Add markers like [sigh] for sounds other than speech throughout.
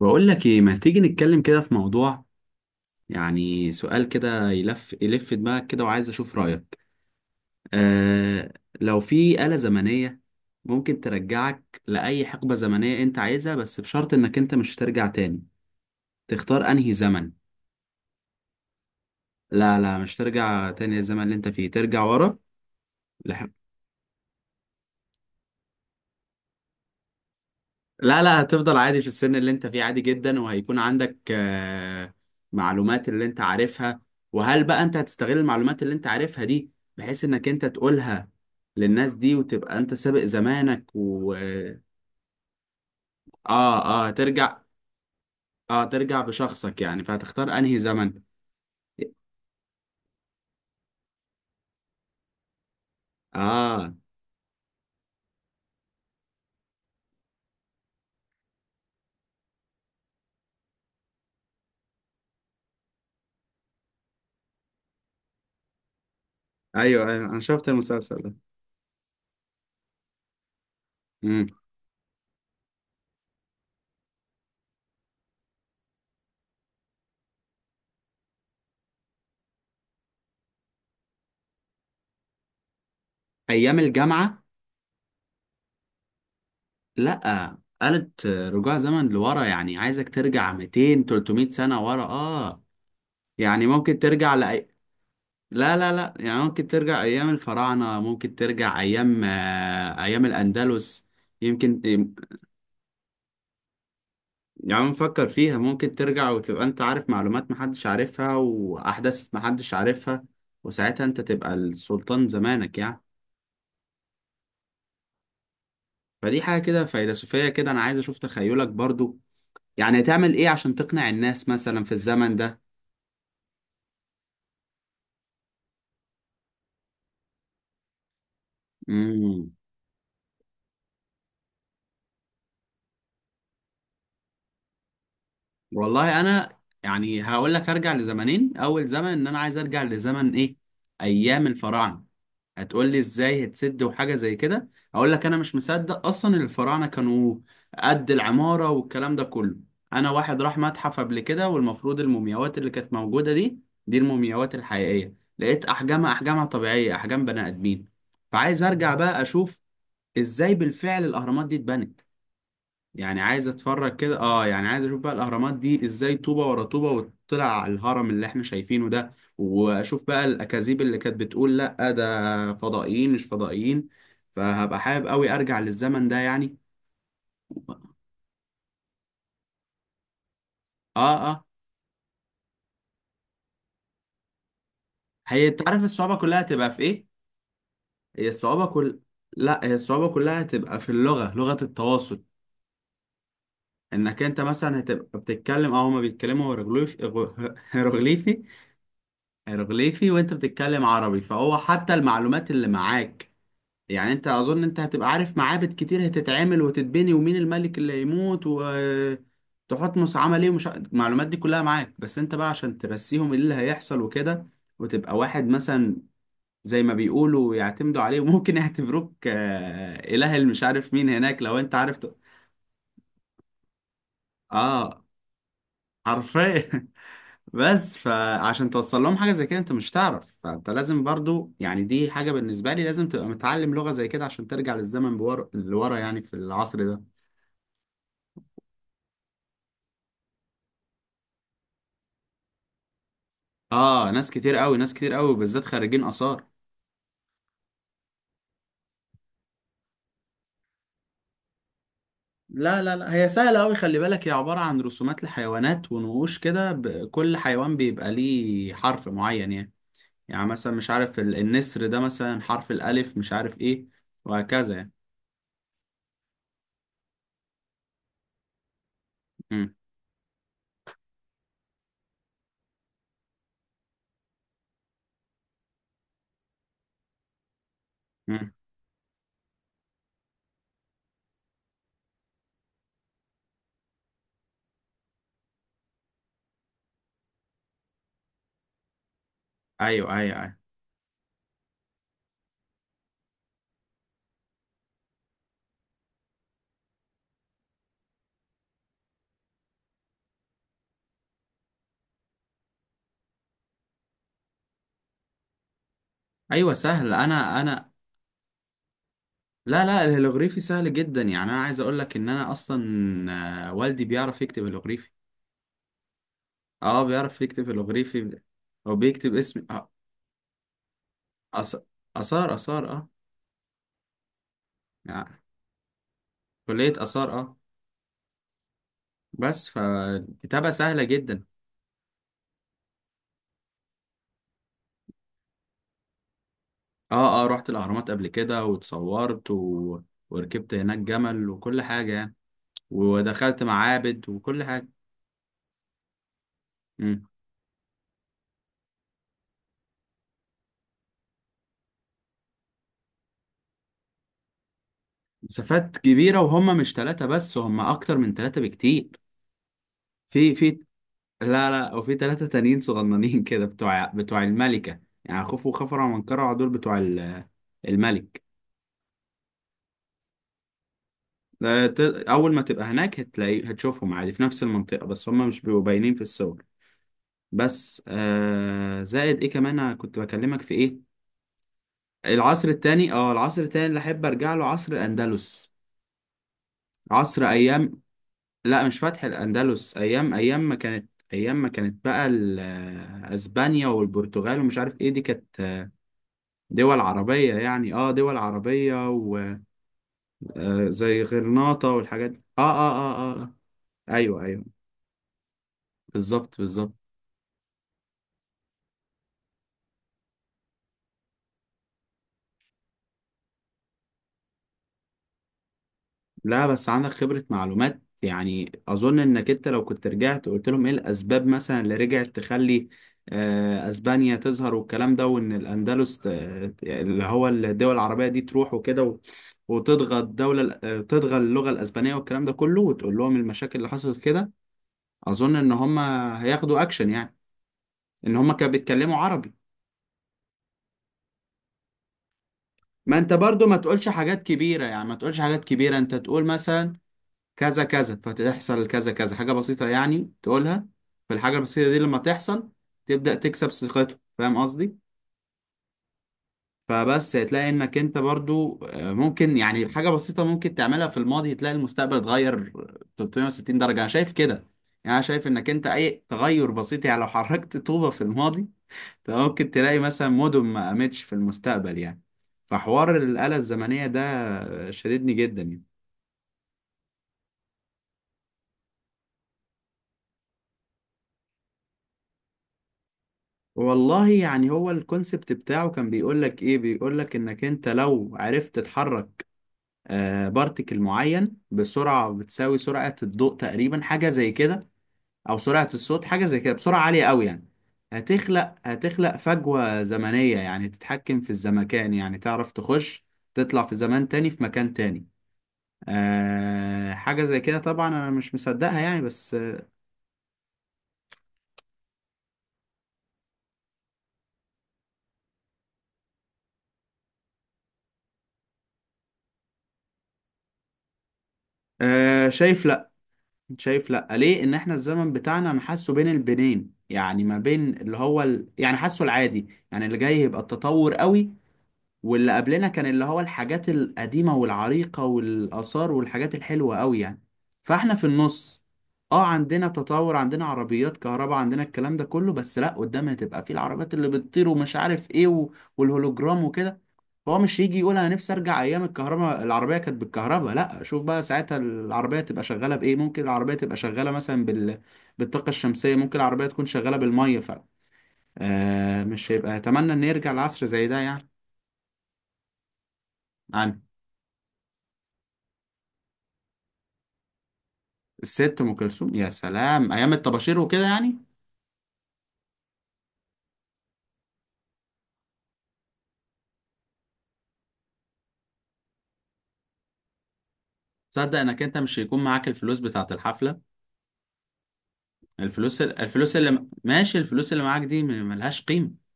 بقول لك ايه، ما تيجي نتكلم كده في موضوع. يعني سؤال كده يلف يلف دماغك كده وعايز اشوف رأيك. آه. لو في آلة زمنية ممكن ترجعك لأي حقبة زمنية انت عايزها، بس بشرط انك انت مش ترجع تاني. تختار انهي زمن. لا لا، مش ترجع تاني للزمن اللي انت فيه، ترجع ورا. لا لا، هتفضل عادي في السن اللي انت فيه، عادي جدا، وهيكون عندك معلومات اللي انت عارفها. وهل بقى انت هتستغل المعلومات اللي انت عارفها دي بحيث انك انت تقولها للناس دي وتبقى انت سابق زمانك و اه. اه ترجع. اه ترجع بشخصك يعني، فهتختار انهي زمن. اه. ايوه ايوه، انا شفت المسلسل ده. امم ايام الجامعه. لا، قالت رجوع زمن لورا، يعني عايزك ترجع 200 300 سنه ورا اه. يعني ممكن ترجع لأي... لا لا لا، يعني ممكن ترجع أيام الفراعنة، ممكن ترجع أيام أيام الأندلس، يمكن. يعني نفكر فيها، ممكن ترجع وتبقى أنت عارف معلومات محدش عارفها وأحداث محدش عارفها، وساعتها أنت تبقى السلطان زمانك يعني. فدي حاجة كده فيلسوفية كده، أنا عايز أشوف تخيلك برضو. يعني هتعمل إيه عشان تقنع الناس مثلا في الزمن ده؟ مم. والله انا يعني هقول لك ارجع لزمنين. اول زمن ان انا عايز ارجع لزمن ايه؟ ايام الفراعنه. هتقول لي ازاي هتسد وحاجه زي كده؟ اقول لك انا مش مصدق اصلا إن الفراعنه كانوا قد العماره والكلام ده كله. انا واحد راح متحف قبل كده، والمفروض المومياوات اللي كانت موجوده دي دي المومياوات الحقيقيه، لقيت احجامها طبيعيه، احجام بني ادمين. فعايز ارجع بقى اشوف ازاي بالفعل الاهرامات دي اتبنت. يعني عايز اتفرج كده، اه، يعني عايز اشوف بقى الاهرامات دي ازاي طوبه ورا طوبه وطلع على الهرم اللي احنا شايفينه ده. واشوف بقى الاكاذيب اللي كانت بتقول لا ده فضائيين مش فضائيين. فهبقى حابب قوي ارجع للزمن ده يعني. اه اه. هي انت عارف الصعوبة كلها هتبقى في ايه؟ هي الصعوبة كل... لا، هي الصعوبة كلها هتبقى في اللغة، لغة التواصل. انك انت مثلا هتبقى بتتكلم هما بيتكلموا هيروغليفي. هيروغليفي هيروغليفي وانت بتتكلم عربي. فهو حتى المعلومات اللي معاك، يعني انت، اظن انت هتبقى عارف معابد كتير هتتعمل وتتبني، ومين الملك اللي هيموت، وتحتمس عمل ايه، ومش المعلومات دي كلها معاك، بس انت بقى عشان ترسيهم ايه اللي هيحصل وكده. وتبقى واحد مثلا زي ما بيقولوا يعتمدوا عليه، وممكن يعتبروك اله، اللي مش عارف مين هناك، لو انت عرفت. اه. حرفيا [laughs] بس فعشان توصل لهم حاجة زي كده انت مش تعرف، فانت لازم برضو، يعني دي حاجة بالنسبة لي، لازم تبقى متعلم لغة زي كده عشان ترجع للزمن لورا يعني في العصر ده. اه، ناس كتير قوي، ناس كتير قوي، بالذات خريجين آثار. لا لا لا، هي سهلة أوي، خلي بالك، هي عبارة عن رسومات لحيوانات ونقوش كده، كل حيوان بيبقى ليه حرف معين يعني. يعني مثلا مش عارف النسر ده مثلا حرف الألف، مش عارف إيه، وهكذا يعني. مم. مم. أيوه أيوه أيوه. أيوه سهل. أنا لا لا، الهيلوغريفي سهل جدا. يعني أنا عايز أقول لك إن أنا أصلا والدي بيعرف يكتب هيلوغريفي. أه بيعرف يكتب هيلوغريفي وبيكتب اسم أث- آثار، آثار أه. يعني كلية آثار اه. بس فالكتابة سهلة جدا. اه اه، رحت الأهرامات قبل كده واتصورت و... وركبت هناك جمل وكل حاجة يعني، ودخلت معابد وكل حاجة. مم. مسافات كبيرة، وهم مش ثلاثة بس، هم أكتر من ثلاثة بكتير. في في. لا لا، وفي ثلاثة تانيين صغننين [laughs] كده، بتوع الملكة، يعني خوفو وخفرع ومنكرع دول بتوع الملك. ده ت- أول ما تبقى هناك هتلاقي، هتشوفهم عادي في نفس المنطقة، بس هم مش بيبقوا باينين في الصور. بس زائد ايه كمان، انا كنت بكلمك في ايه؟ العصر التاني، اه العصر التاني اللي احب ارجع له عصر الاندلس. عصر ايام، لا مش فتح الاندلس، ايام ما كانت، ايام ما كانت بقى اسبانيا والبرتغال ومش عارف ايه دي كانت دول عربية، يعني اه، دول عربية، وزي غرناطة والحاجات دي. اه اه اه اه آه. ايوه ايوه، بالظبط بالظبط. لا بس عندك خبرة معلومات، يعني أظن إنك أنت لو كنت رجعت قلت لهم إيه الأسباب مثلا اللي رجعت تخلي أسبانيا تظهر والكلام ده، وإن الأندلس اللي هو الدول العربية دي تروح وكده و... وتضغى الدولة تضغى اللغة الأسبانية والكلام ده كله، وتقول لهم المشاكل اللي حصلت كده. أظن إن هم هياخدوا أكشن يعني، إن هم كانوا بيتكلموا عربي. ما أنت برضو ما تقولش حاجات كبيرة، يعني ما تقولش حاجات كبيرة، أنت تقول مثلا كذا كذا فتحصل كذا كذا، حاجة بسيطة يعني تقولها. فالحاجة البسيطة دي لما تحصل تبدأ تكسب ثقته، فاهم قصدي؟ فبس هتلاقي انك انت برضو ممكن يعني حاجة بسيطة ممكن تعملها في الماضي، تلاقي المستقبل اتغير 360 درجة، انا شايف كده. يعني انا شايف انك انت اي تغير بسيط، يعني لو حركت طوبة في الماضي، انت ممكن تلاقي مثلا مدن ما قامتش في المستقبل يعني. فحوار الآلة الزمنية ده شددني جدا يعني. والله يعني هو الكونسبت بتاعه كان بيقول لك ايه، بيقول لك انك انت لو عرفت تتحرك بارتيكل معين بسرعة بتساوي سرعة الضوء تقريبا، حاجة زي كده، او سرعة الصوت، حاجة زي كده، بسرعة عالية قوي يعني، هتخلق فجوة زمنية، يعني تتحكم في الزمكان، يعني تعرف تخش تطلع في زمان تاني في مكان تاني. آه حاجة زي كده، طبعا انا مش مصدقها يعني، بس آه شايف. لا ليه ان احنا الزمن بتاعنا، انا حاسه بين البنين، يعني ما بين اللي هو ال... يعني حاسه العادي، يعني اللي جاي يبقى التطور قوي، واللي قبلنا كان اللي هو الحاجات القديمة والعريقة والآثار والحاجات الحلوة قوي يعني. فاحنا في النص. اه عندنا تطور، عندنا عربيات كهرباء، عندنا الكلام ده كله، بس لا قدام هتبقى في العربيات اللي بتطير ومش عارف ايه و... والهولوجرام وكده. فهو مش يجي يقول انا نفسي ارجع ايام الكهرباء، العربية كانت بالكهرباء، لا شوف بقى ساعتها العربية تبقى شغالة بايه، ممكن العربية تبقى شغالة مثلا بال... بالطاقة الشمسية، ممكن العربية تكون شغالة بالمية، ف آه مش هيبقى اتمنى ان يرجع العصر زي ده يعني. الست ام كلثوم، يا سلام، ايام الطباشير وكده يعني. تصدق انك انت مش هيكون معاك الفلوس بتاعت الحفله؟ الفلوس، الفلوس اللي ماشي، الفلوس اللي معاك دي ملهاش قيمه.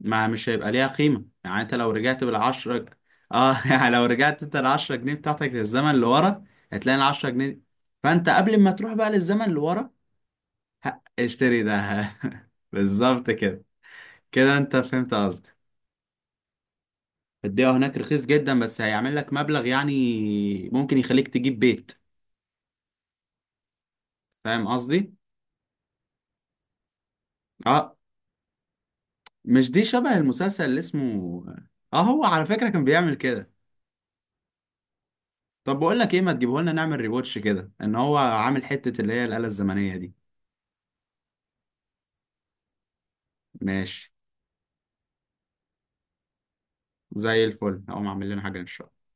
ما مش هيبقى ليها قيمه يعني، انت لو رجعت بالعشرة، اه [laughs] يعني لو رجعت انت العشرة جنيه بتاعتك للزمن اللي ورا، هتلاقي العشرة جنيه. فانت قبل ما تروح بقى للزمن اللي ورا، اشتري ده [laughs] بالظبط كده. كده انت فهمت قصدي. الدقيقة هناك رخيص جدا، بس هيعمل لك مبلغ يعني ممكن يخليك تجيب بيت. فاهم قصدي؟ اه، مش دي شبه المسلسل اللي اسمه؟ اه هو على فكرة كان بيعمل كده. طب بقول لك ايه، ما تجيبه لنا نعمل ريواتش كده ان هو عامل حتة اللي هي الآلة الزمنية دي. ماشي. زي الفل، هقوم اعمل لنا حاجة ان شاء الله.